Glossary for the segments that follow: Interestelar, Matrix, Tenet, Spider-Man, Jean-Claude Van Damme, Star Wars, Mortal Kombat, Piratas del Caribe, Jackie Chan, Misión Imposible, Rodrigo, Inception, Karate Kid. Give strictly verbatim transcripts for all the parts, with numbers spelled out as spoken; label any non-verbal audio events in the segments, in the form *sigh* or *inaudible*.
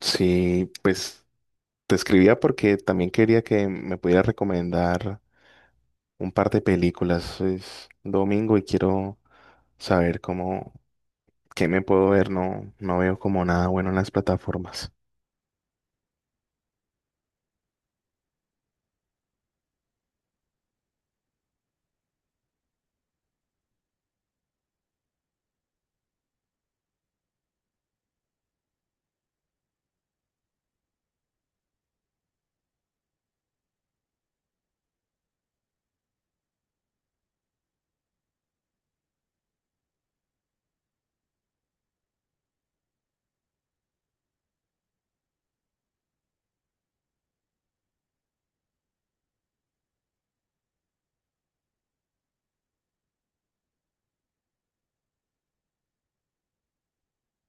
Sí, pues te escribía porque también quería que me pudiera recomendar un par de películas. Es domingo y quiero saber cómo, qué me puedo ver. No, no veo como nada bueno en las plataformas.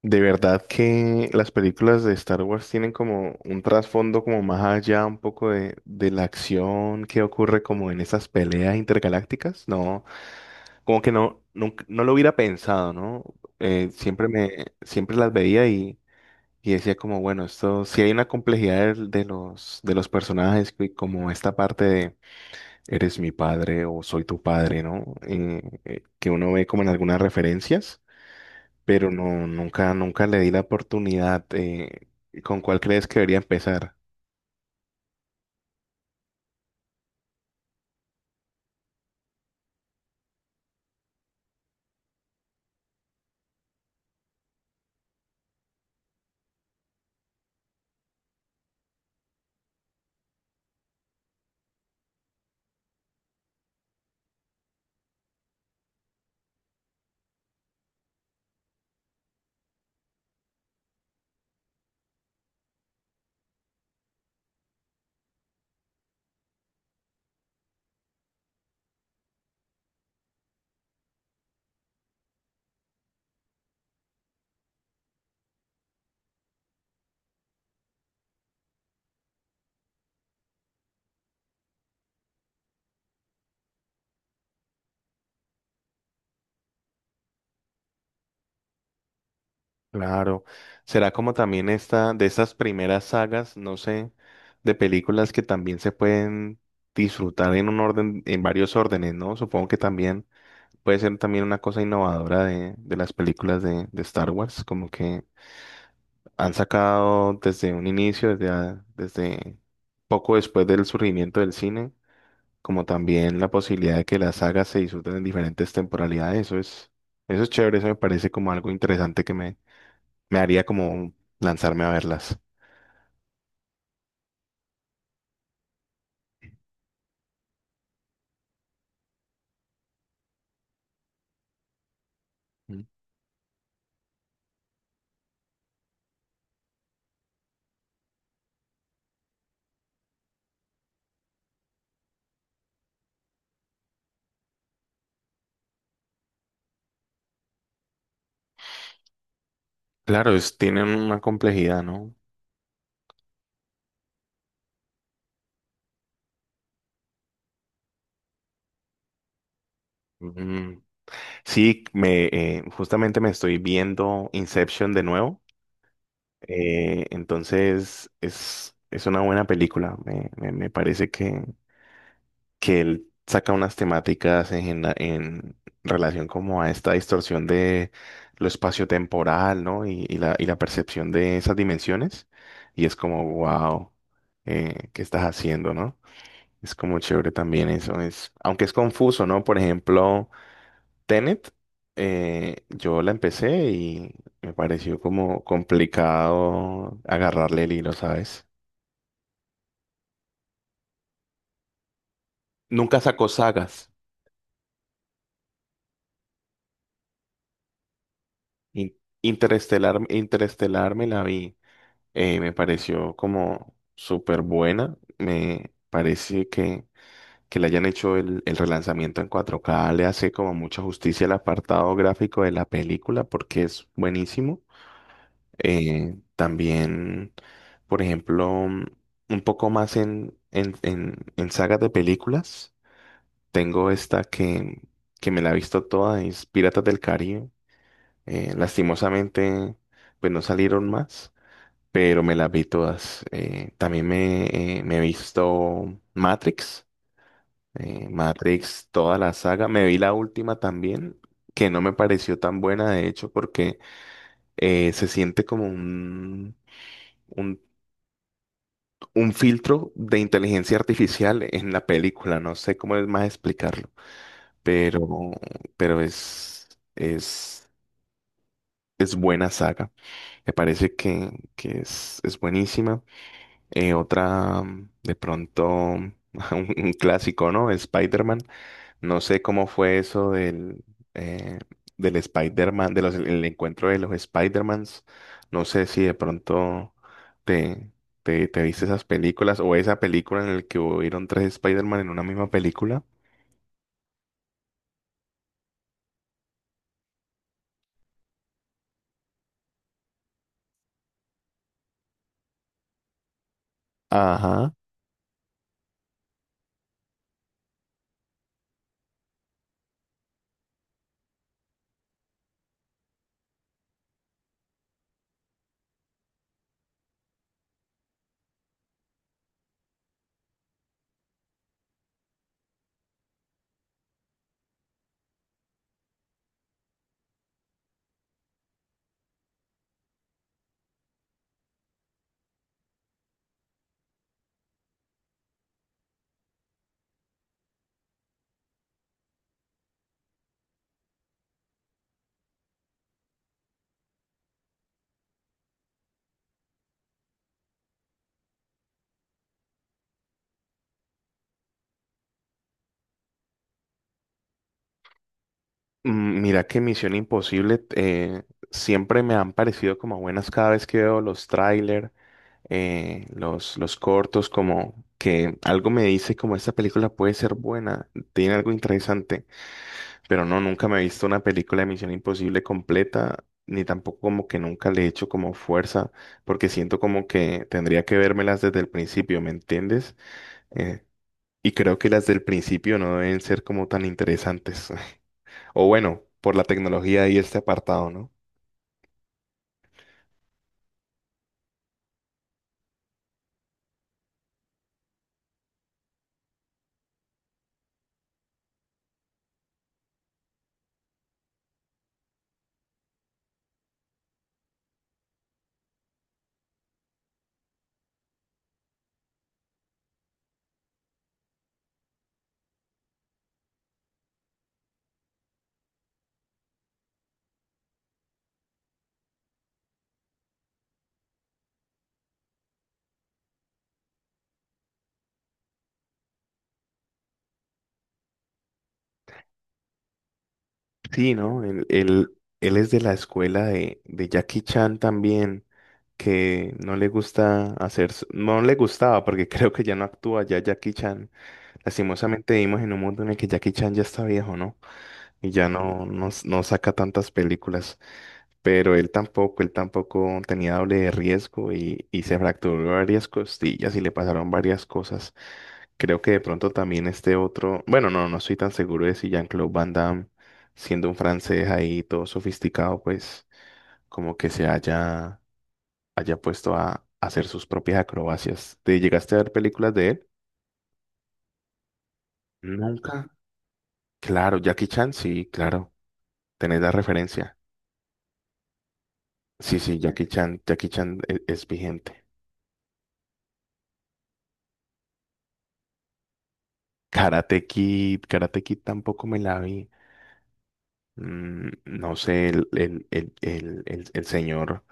De verdad que las películas de Star Wars tienen como un trasfondo como más allá un poco de, de la acción que ocurre como en esas peleas intergalácticas. No, como que no, nunca- no lo hubiera pensado, ¿no? Eh, siempre me, siempre las veía. y Y decía como, bueno, esto, si hay una complejidad de, de los, de los personajes, que como esta parte de eres mi padre o soy tu padre, ¿no? Eh, eh, que uno ve como en algunas referencias, pero no, nunca, nunca le di la oportunidad. Eh, ¿con cuál crees que debería empezar? Claro. Será como también esta, de estas primeras sagas, no sé, de películas que también se pueden disfrutar en un orden, en varios órdenes, ¿no? Supongo que también. Puede ser también una cosa innovadora de, de las películas de, de Star Wars, como que han sacado desde un inicio, desde, a- desde poco después del surgimiento del cine, como también la posibilidad de que las sagas se disfruten en diferentes temporalidades. Eso es, eso es chévere, eso me parece como algo interesante que me, me haría como lanzarme a verlas. Mm. Claro, es, tienen una complejidad, ¿no? Mm. Sí, me, eh, justamente me estoy viendo Inception de nuevo. Eh, entonces es, es una buena película. Me, me- me parece que, que él saca unas temáticas en, la- en relación como a esta distorsión de lo espaciotemporal, ¿no? Y, y la, y la percepción de esas dimensiones. Y es como, wow, ¿qué estás haciendo, no? Es como chévere también eso. Es, aunque es confuso, ¿no? Por ejemplo. Tenet, eh, yo la empecé y me pareció como complicado agarrarle el hilo, ¿sabes? Nunca sacó sagas. In- Interestelar, Interestelar me la vi. Eh, me pareció como súper buena. Me parece que, que le hayan hecho el, el relanzamiento en cuatro k. Le hace como mucha justicia al apartado gráfico de la película porque es buenísimo. Eh, también, por ejemplo, mm, un poco más en, en, en, en sagas de películas, tengo esta que, que me la he visto toda, es Piratas del Caribe. Eh, lastimosamente, pues no salieron más, pero me las vi todas. Eh, también me, eh, me he visto Matrix, eh, Matrix, toda la saga. Me vi la última también, que no me pareció tan buena, de hecho, porque eh, se siente como un un un filtro de inteligencia artificial en la película. No sé cómo es más explicarlo, pero, pero es, es, es buena saga. Me parece que, que es, es buenísima. Eh, otra, mm, de pronto, *laughs* un, un clásico, ¿no? Spider-Man. No sé cómo fue eso del, eh, del Spider-Man, de los, el encuentro de los Spider-Mans. No sé si de pronto te, te, te viste esas películas o esa película en la que hubieron tres Spider-Man en una misma película. Ajá. Mm, Mira que Misión Imposible eh, siempre me han parecido como buenas cada vez que veo los trailers, los, los cortos, como que algo me dice como esta película puede ser buena, tiene algo interesante. Pero no, nunca me he visto una película de Misión Imposible completa, ni tampoco como que nunca le he hecho como fuerza, porque siento como que tendría que vérmelas desde el principio, ¿me entiendes? Eh, y creo que las del principio no deben ser como tan interesantes. *laughs* O bueno, por la tecnología y este apartado, ¿no? Sí, ¿no? Él, él, él es de la escuela de, de Jackie Chan también, que no le gusta hacer, s- no le gustaba, porque *laughs* creo que ya no actúa ya Jackie Chan. Lastimosamente vivimos en un mundo en el que Jackie Chan ya está viejo, ¿no? Y ya no, no, s- no saca tantas películas. Pero él tampoco, él tampoco tenía doble de riesgo y, y se fracturó varias costillas y le pasaron varias cosas. Creo que de pronto también este otro, bueno, no, no estoy tan seguro de si Jean-Claude Van Damme, siendo un francés ahí todo sofisticado, pues como que se haya, haya puesto a hacer sus propias acrobacias. ¿Te llegaste a ver películas de él? Nunca. Claro, Jackie Chan, sí, claro. ¿Tenés la referencia? Sí, sí, Jackie Chan, Jackie Chan e- es vigente. Karate Kid, Karate Kid tampoco me la vi. Mm, no sé, el, el, el, el, el, el señor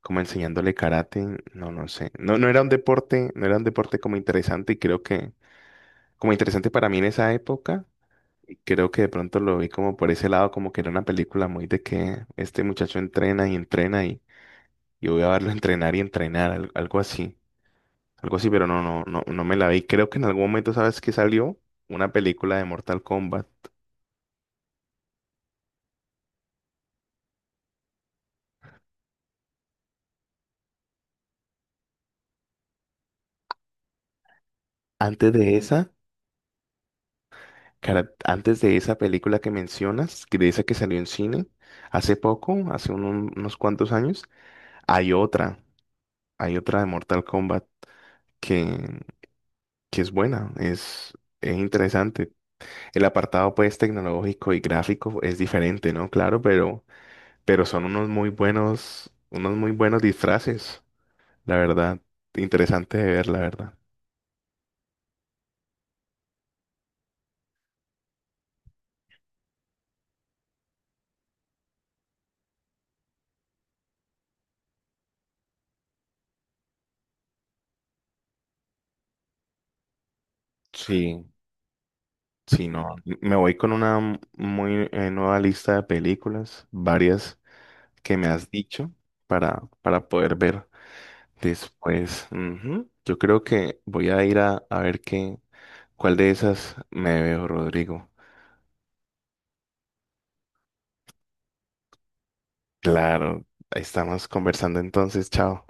como enseñándole karate, no, no sé. No, no era un deporte, no era un deporte como interesante y creo que, como interesante para mí en esa época, y creo que de pronto lo vi como por ese lado, como que era una película muy de que este muchacho entrena y entrena y, y voy a verlo *laughs* entrenar y entrenar, al- algo así. Algo así, pero no, no, no, no me la vi. Creo que en algún momento, ¿sabes que salió? Una película de Mortal Kombat. Antes de esa, cara- antes de esa película que mencionas, que de esa que salió en cine, hace poco, hace un- unos cuantos años, hay otra, hay otra de Mortal Kombat que, que es buena, es, es interesante. El apartado, pues, tecnológico y gráfico es diferente, ¿no? Claro, pero, pero son unos muy buenos, unos muy buenos disfraces, la verdad. Interesante de ver, la verdad. Sí, sí, no. Me voy con una muy eh, nueva lista de películas, varias que me has dicho para, para poder ver después. Ujú. Yo creo que voy a ir a, a ver qué, cuál de esas me veo, Rodrigo. Claro, ahí estamos conversando entonces, chao.